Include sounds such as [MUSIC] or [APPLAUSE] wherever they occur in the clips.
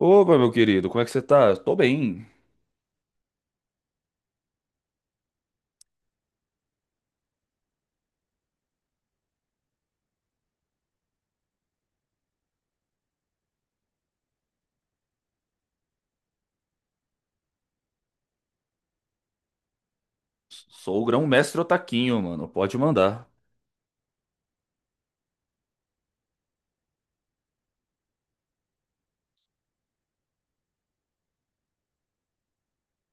Opa, meu querido, como é que você tá? Tô bem. Sou o grão-mestre Otaquinho, mano. Pode mandar.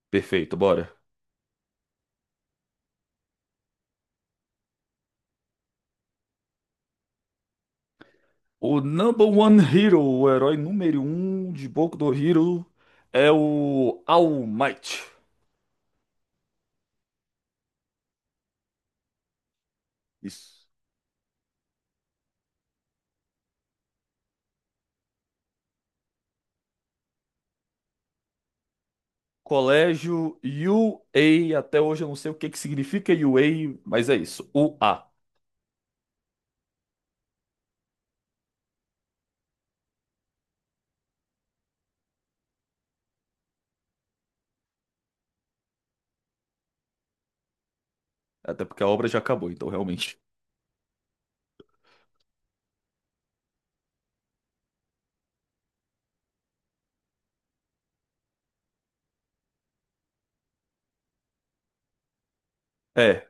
Perfeito, bora. O number one hero, o herói número um de Boku no Hero, é o All Might. Isso. Colégio UA, até hoje eu não sei o que que significa UA, mas é isso, U A. Até porque a obra já acabou, então realmente. É,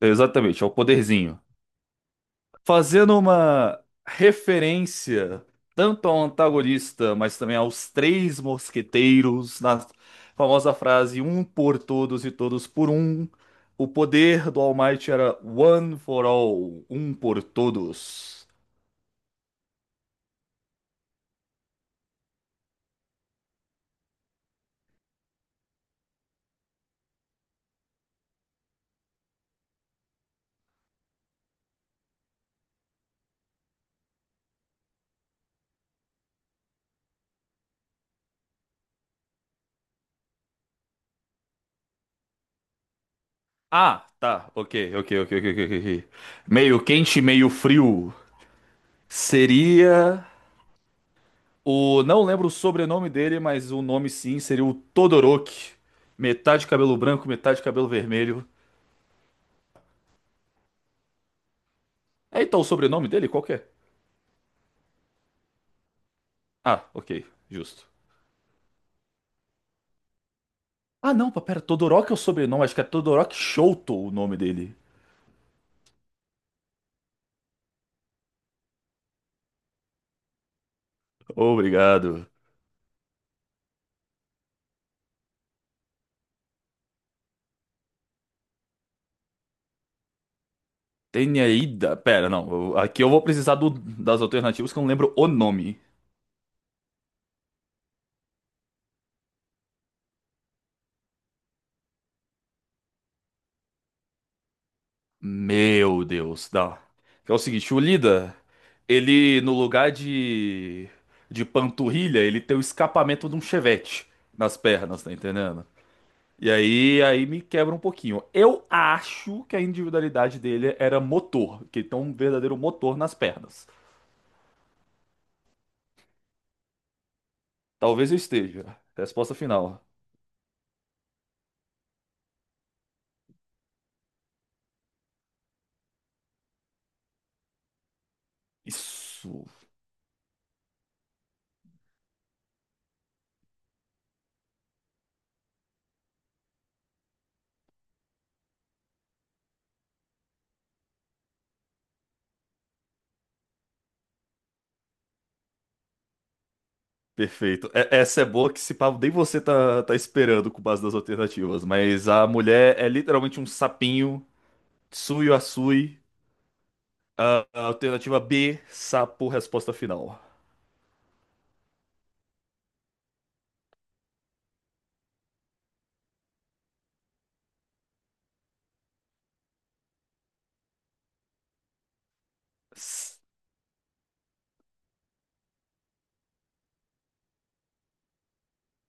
exatamente, é o poderzinho. Fazendo uma referência tanto ao antagonista, mas também aos três mosqueteiros, na famosa frase um por todos e todos por um. O poder do All Might era one for all, um por todos. Ah, tá, ok, ok, ok, ok, ok, ok. Meio quente, meio frio. Seria o. Não lembro o sobrenome dele, mas o nome sim seria o Todoroki. Metade cabelo branco, metade cabelo vermelho. É, então, o sobrenome dele, qual que é? Ah, ok, justo. Ah, não, pá, pera, Todoroki é o sobrenome, acho que é Todoroki Shouto o nome dele. Obrigado. Tenyaida, pera, não, aqui eu vou precisar das alternativas que eu não lembro o nome. Meu Deus, dá. Que é o seguinte, o Lida, ele, no lugar de panturrilha, ele tem o escapamento de um chevette nas pernas, tá entendendo? E aí me quebra um pouquinho. Eu acho que a individualidade dele era motor, que ele tem um verdadeiro motor nas pernas. Talvez eu esteja. Resposta final. Isso. Perfeito. Essa é boa que se pá, nem você tá esperando com base das alternativas, mas a mulher é literalmente um sapinho, Tsuyu Asui. A alternativa B, sapo, resposta final. S-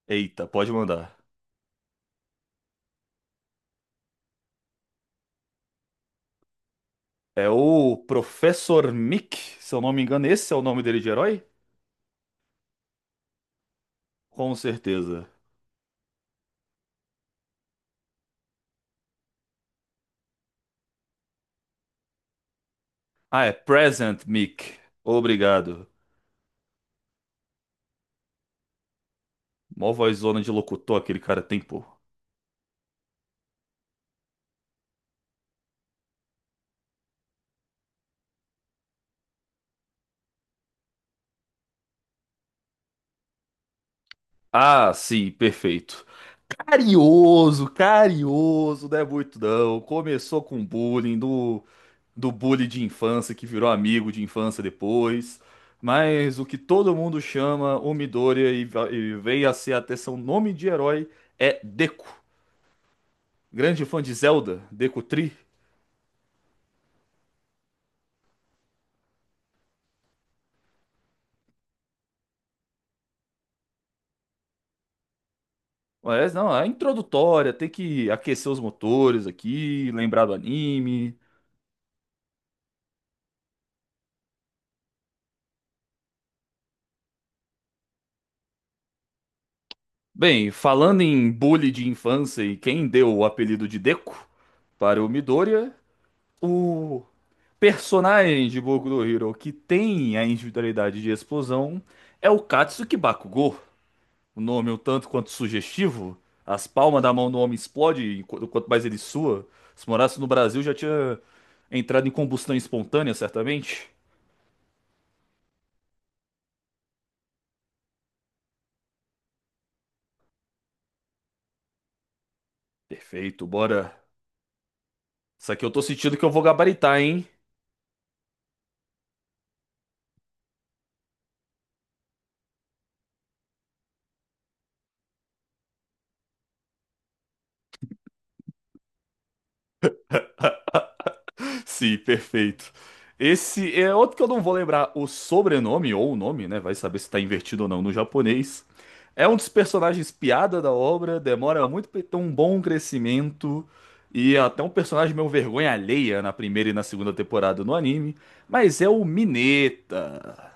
Eita, pode mandar. É o Professor Mick, se eu não me engano, esse é o nome dele de herói? Com certeza. Ah, é Present Mic. Obrigado. Mó vozona de locutor aquele cara tem, pô. Ah, sim, perfeito. Carioso, carioso, não é muito não. Começou com bullying, do bullying de infância, que virou amigo de infância depois. Mas o que todo mundo chama o Midoriya e veio a ser até seu nome de herói é Deku. Grande fã de Zelda, Deku. Mas não, é introdutória, tem que aquecer os motores aqui, lembrar do anime. Bem, falando em bully de infância e quem deu o apelido de Deco para o Midoriya, o personagem de Boku no Hero que tem a individualidade de explosão é o Katsuki Bakugou. O nome é um tanto quanto sugestivo, as palmas da mão do homem explodem quanto mais ele sua. Se morasse no Brasil já tinha entrado em combustão espontânea, certamente. Perfeito, bora. Isso aqui eu tô sentindo que eu vou gabaritar, hein? [LAUGHS] Sim, perfeito. Esse é outro que eu não vou lembrar o sobrenome ou o nome, né? Vai saber se tá invertido ou não no japonês. É um dos personagens piada da obra, demora muito pra ele ter um bom crescimento e é até um personagem meio vergonha alheia na primeira e na segunda temporada no anime, mas é o Mineta.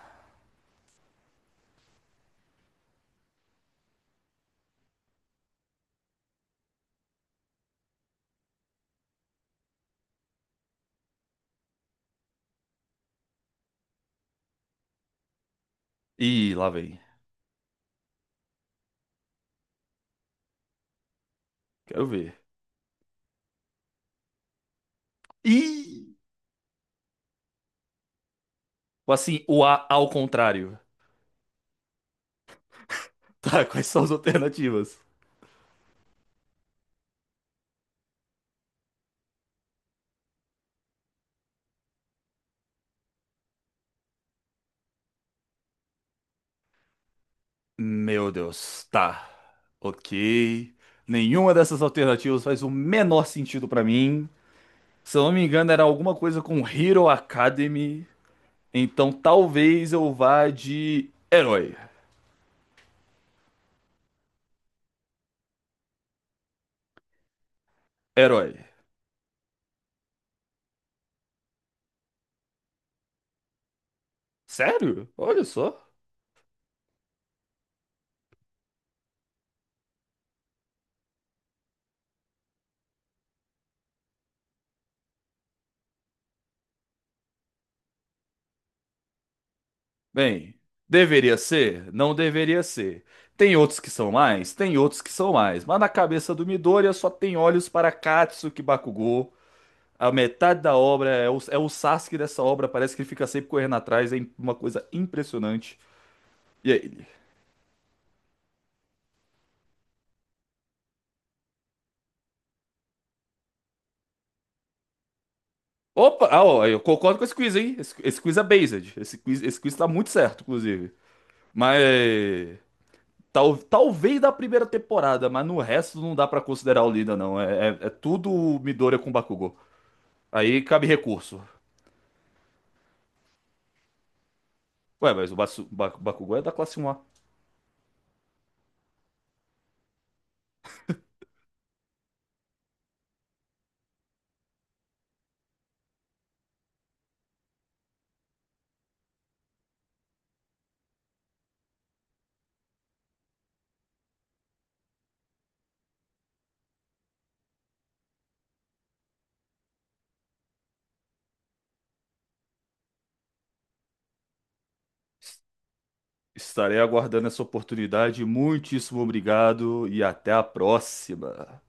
Ih, lá vem. Quero ver. Ih! Ou assim, o A ao contrário. [LAUGHS] Tá, quais são as alternativas? Meu Deus, tá. Ok. Nenhuma dessas alternativas faz o menor sentido pra mim. Se eu não me engano, era alguma coisa com Hero Academy. Então talvez eu vá de herói. Herói. Sério? Olha só. Bem, deveria ser? Não deveria ser. Tem outros que são mais? Tem outros que são mais. Mas na cabeça do Midoriya só tem olhos para Katsuki Bakugou. A metade da obra é o Sasuke dessa obra, parece que ele fica sempre correndo atrás, é uma coisa impressionante. E é ele. Opa, ah, ó, eu concordo com esse quiz, hein? Esse quiz é based. Esse quiz tá muito certo, inclusive. Mas. Talvez da primeira temporada, mas no resto não dá pra considerar o Lina, não. É tudo Midoriya com Bakugou. Aí cabe recurso. Ué, mas o Bakugou é da classe um a. Estarei aguardando essa oportunidade. Muitíssimo obrigado e até a próxima.